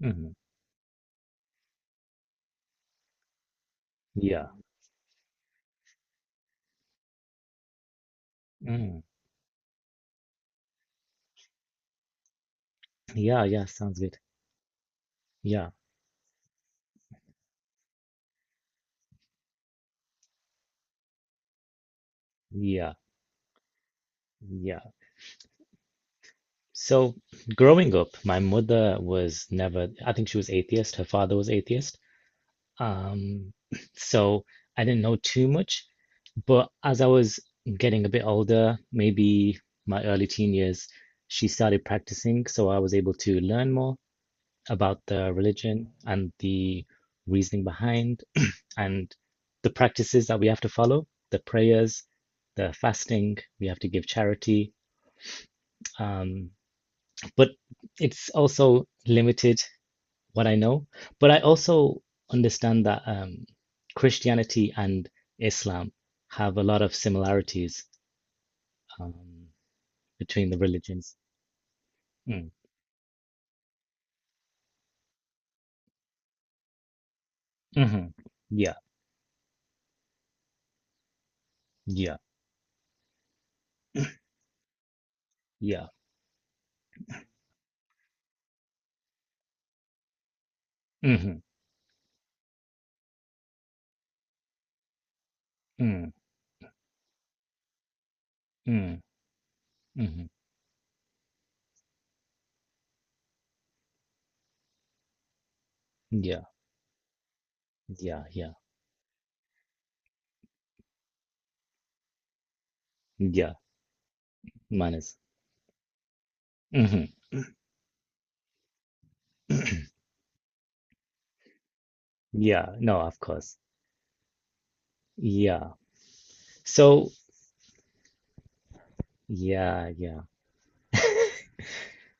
Hmm. Yeah. Mm. Yeah, yeah, sounds good. Yeah, yeah, yeah. So growing up, my mother was never, I think she was atheist. Her father was atheist. Um, so I didn't know too much, but as I was getting a bit older, maybe my early teen years, she started practicing, so I was able to learn more about the religion and the reasoning behind and the practices that we have to follow, the prayers, the fasting, we have to give charity. Um, but it's also limited what I know. But I also understand that Christianity and Islam have a lot of similarities um, between the religions. Mm. Hmm. Yeah, yeah, yeah. Hmm. Mm, mm. Hmm. Yeah, yeah, yeah, yeah. Manners. Hmm. Yeah, no, of course. Yeah. So, yeah, yeah.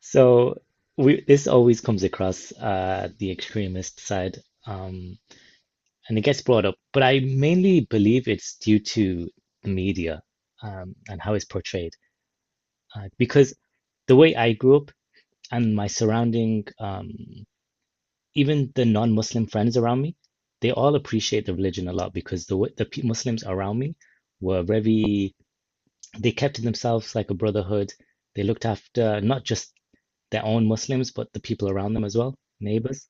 So we this always comes across the extremist side um and it gets brought up, but I mainly believe it's due to the media and how it's portrayed. Because the way I grew up and my surrounding even the non-Muslim friends around me, they all appreciate the religion a lot because the way- the pe- Muslims around me were very they kept to themselves like a brotherhood. They looked after not just their own Muslims, but the people around them as well, neighbors.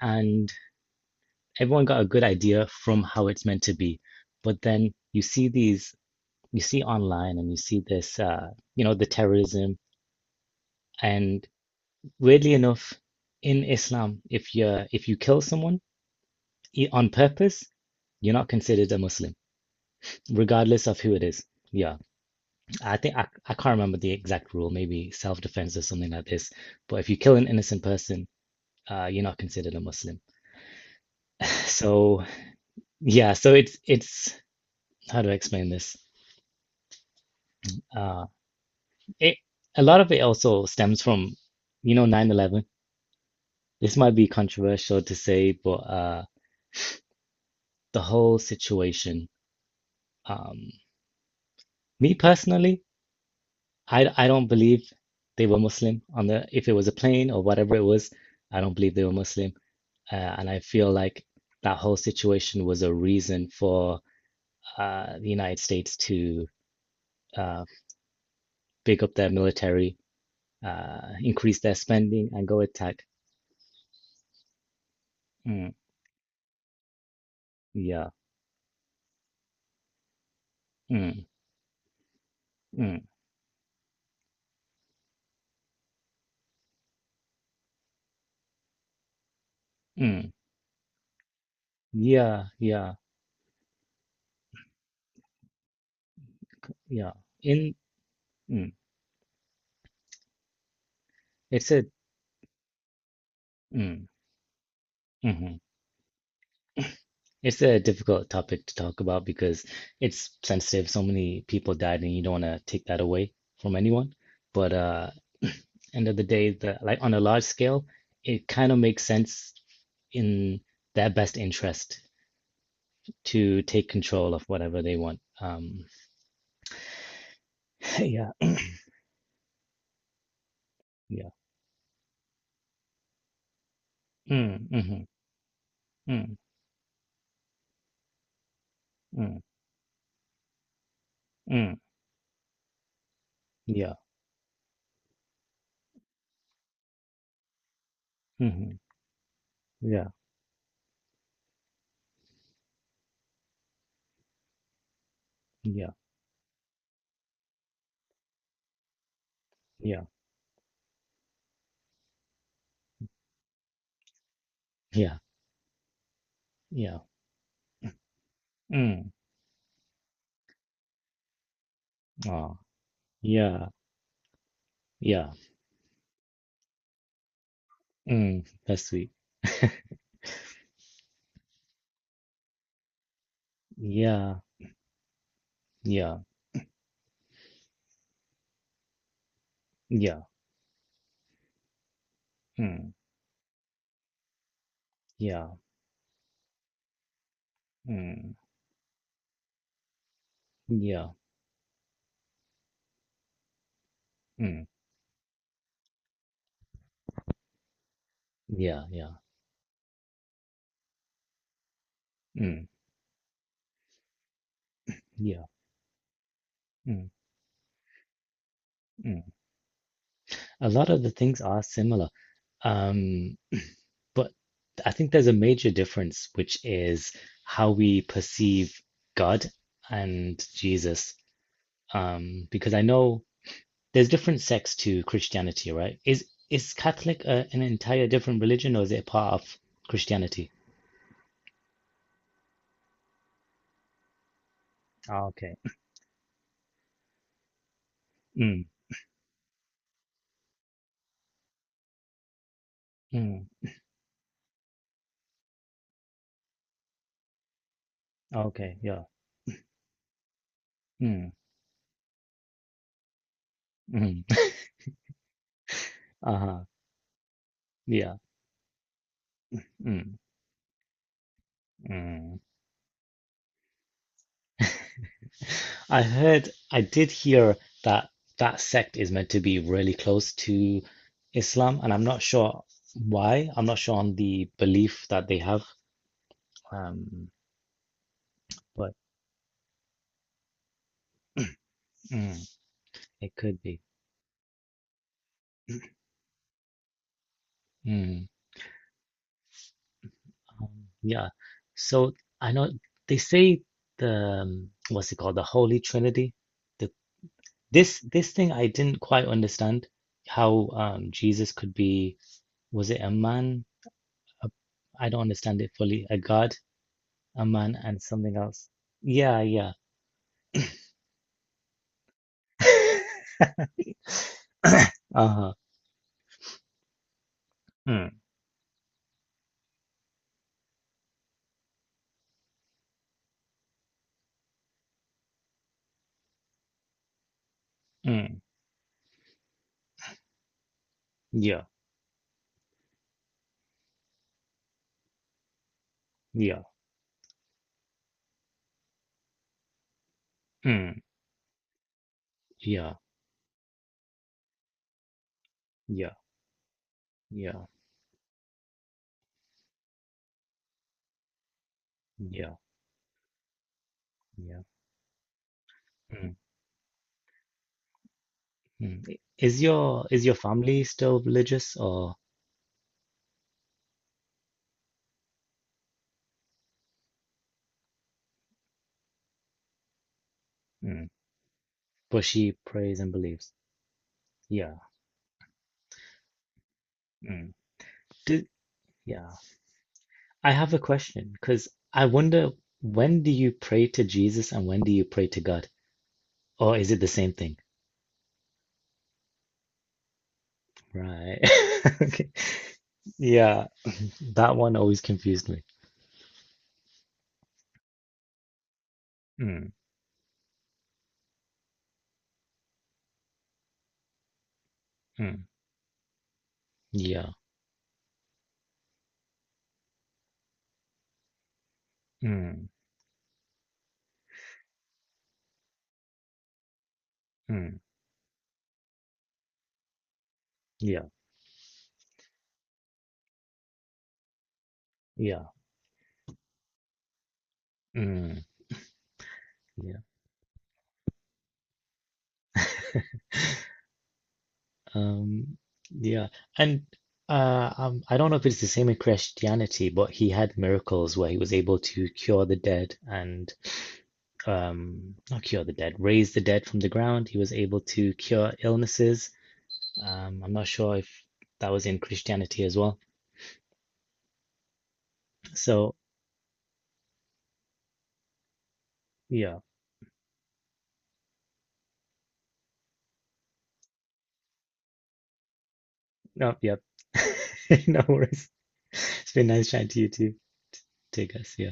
And everyone got a good idea from how it's meant to be. But then you see these, you see online and you see this, the terrorism. And weirdly enough, in Islam, if you kill someone on purpose, you're not considered a Muslim, regardless of who it is. Yeah. I think I can't remember the exact rule, maybe self-defense or something like this. But if you kill an innocent person, you're not considered a Muslim. So yeah, so it's how do I explain this? Uh, it A lot of it also stems from, 9/11. This might be controversial to say, but the whole situation. Um, Me personally, I don't believe they were Muslim on the if it was a plane or whatever it was. I don't believe they were Muslim. And I feel like that whole situation was a reason for the United States to uh, big up their military, increase their spending, and go attack. Mm, yeah. Mm, mm, mm. Yeah. Yeah. Yeah. In mm, it's a mm, hmm It's a difficult topic to talk about because it's sensitive. So many people died, and you don't want to take that away from anyone. But end of the day, the like on a large scale, it kind of makes sense in their best interest to take control of whatever they want. Yeah, yeah. Mm, mm-hmm, mm, mm, mm, yeah, mm-hmm, yeah, yeah, yeah, yeah, yeah. Mm, oh, yeah, yeah. Mm, that's sweet. Yeah, yeah, yeah. Mm, yeah, mm, yeah, mm, yeah, mm, yeah, mm, mm. A lot of the things are similar. Um, But I think there's a major difference, which is how we perceive God and Jesus. Because I know there's different sects to Christianity, right? Is Catholic an entire different religion, or is it a part of Christianity? Ah, okay. Mm, mm, okay. Yeah. Mm, mm. Uh-huh. Yeah. Mm, mm. I did hear that that sect is meant to be really close to Islam, and I'm not sure why. I'm not sure on the belief that they have, um, but mm, it could be. Mm, um, yeah. So I know they say the, what's it called, the Holy Trinity. The this this thing I didn't quite understand how Jesus could be was it a man? A, I don't understand it fully. A God a man and something else. Yeah, yeah. Uh-huh. Mm, mm, yeah, yeah, mm, yeah, yeah, yeah, yeah, yeah. Mm, mm. Is your family still religious, or mm, but she prays and believes? Yeah. Mm. Do, yeah. I have a question because I wonder when do you pray to Jesus and when do you pray to God? Or is it the same thing? Right. Okay. Yeah, that one always confused me. Mm, mm. Yeah. Mm, mm. Yeah. Yeah. Mm. Yeah. Um, yeah. And I don't know if it's the same in Christianity, but he had miracles where he was able to cure the dead and not cure the dead, raise the dead from the ground. He was able to cure illnesses. I'm not sure if that was in Christianity as well. So, yeah. No, yep. No worries. It's been nice chatting to you too. Take us. Yeah.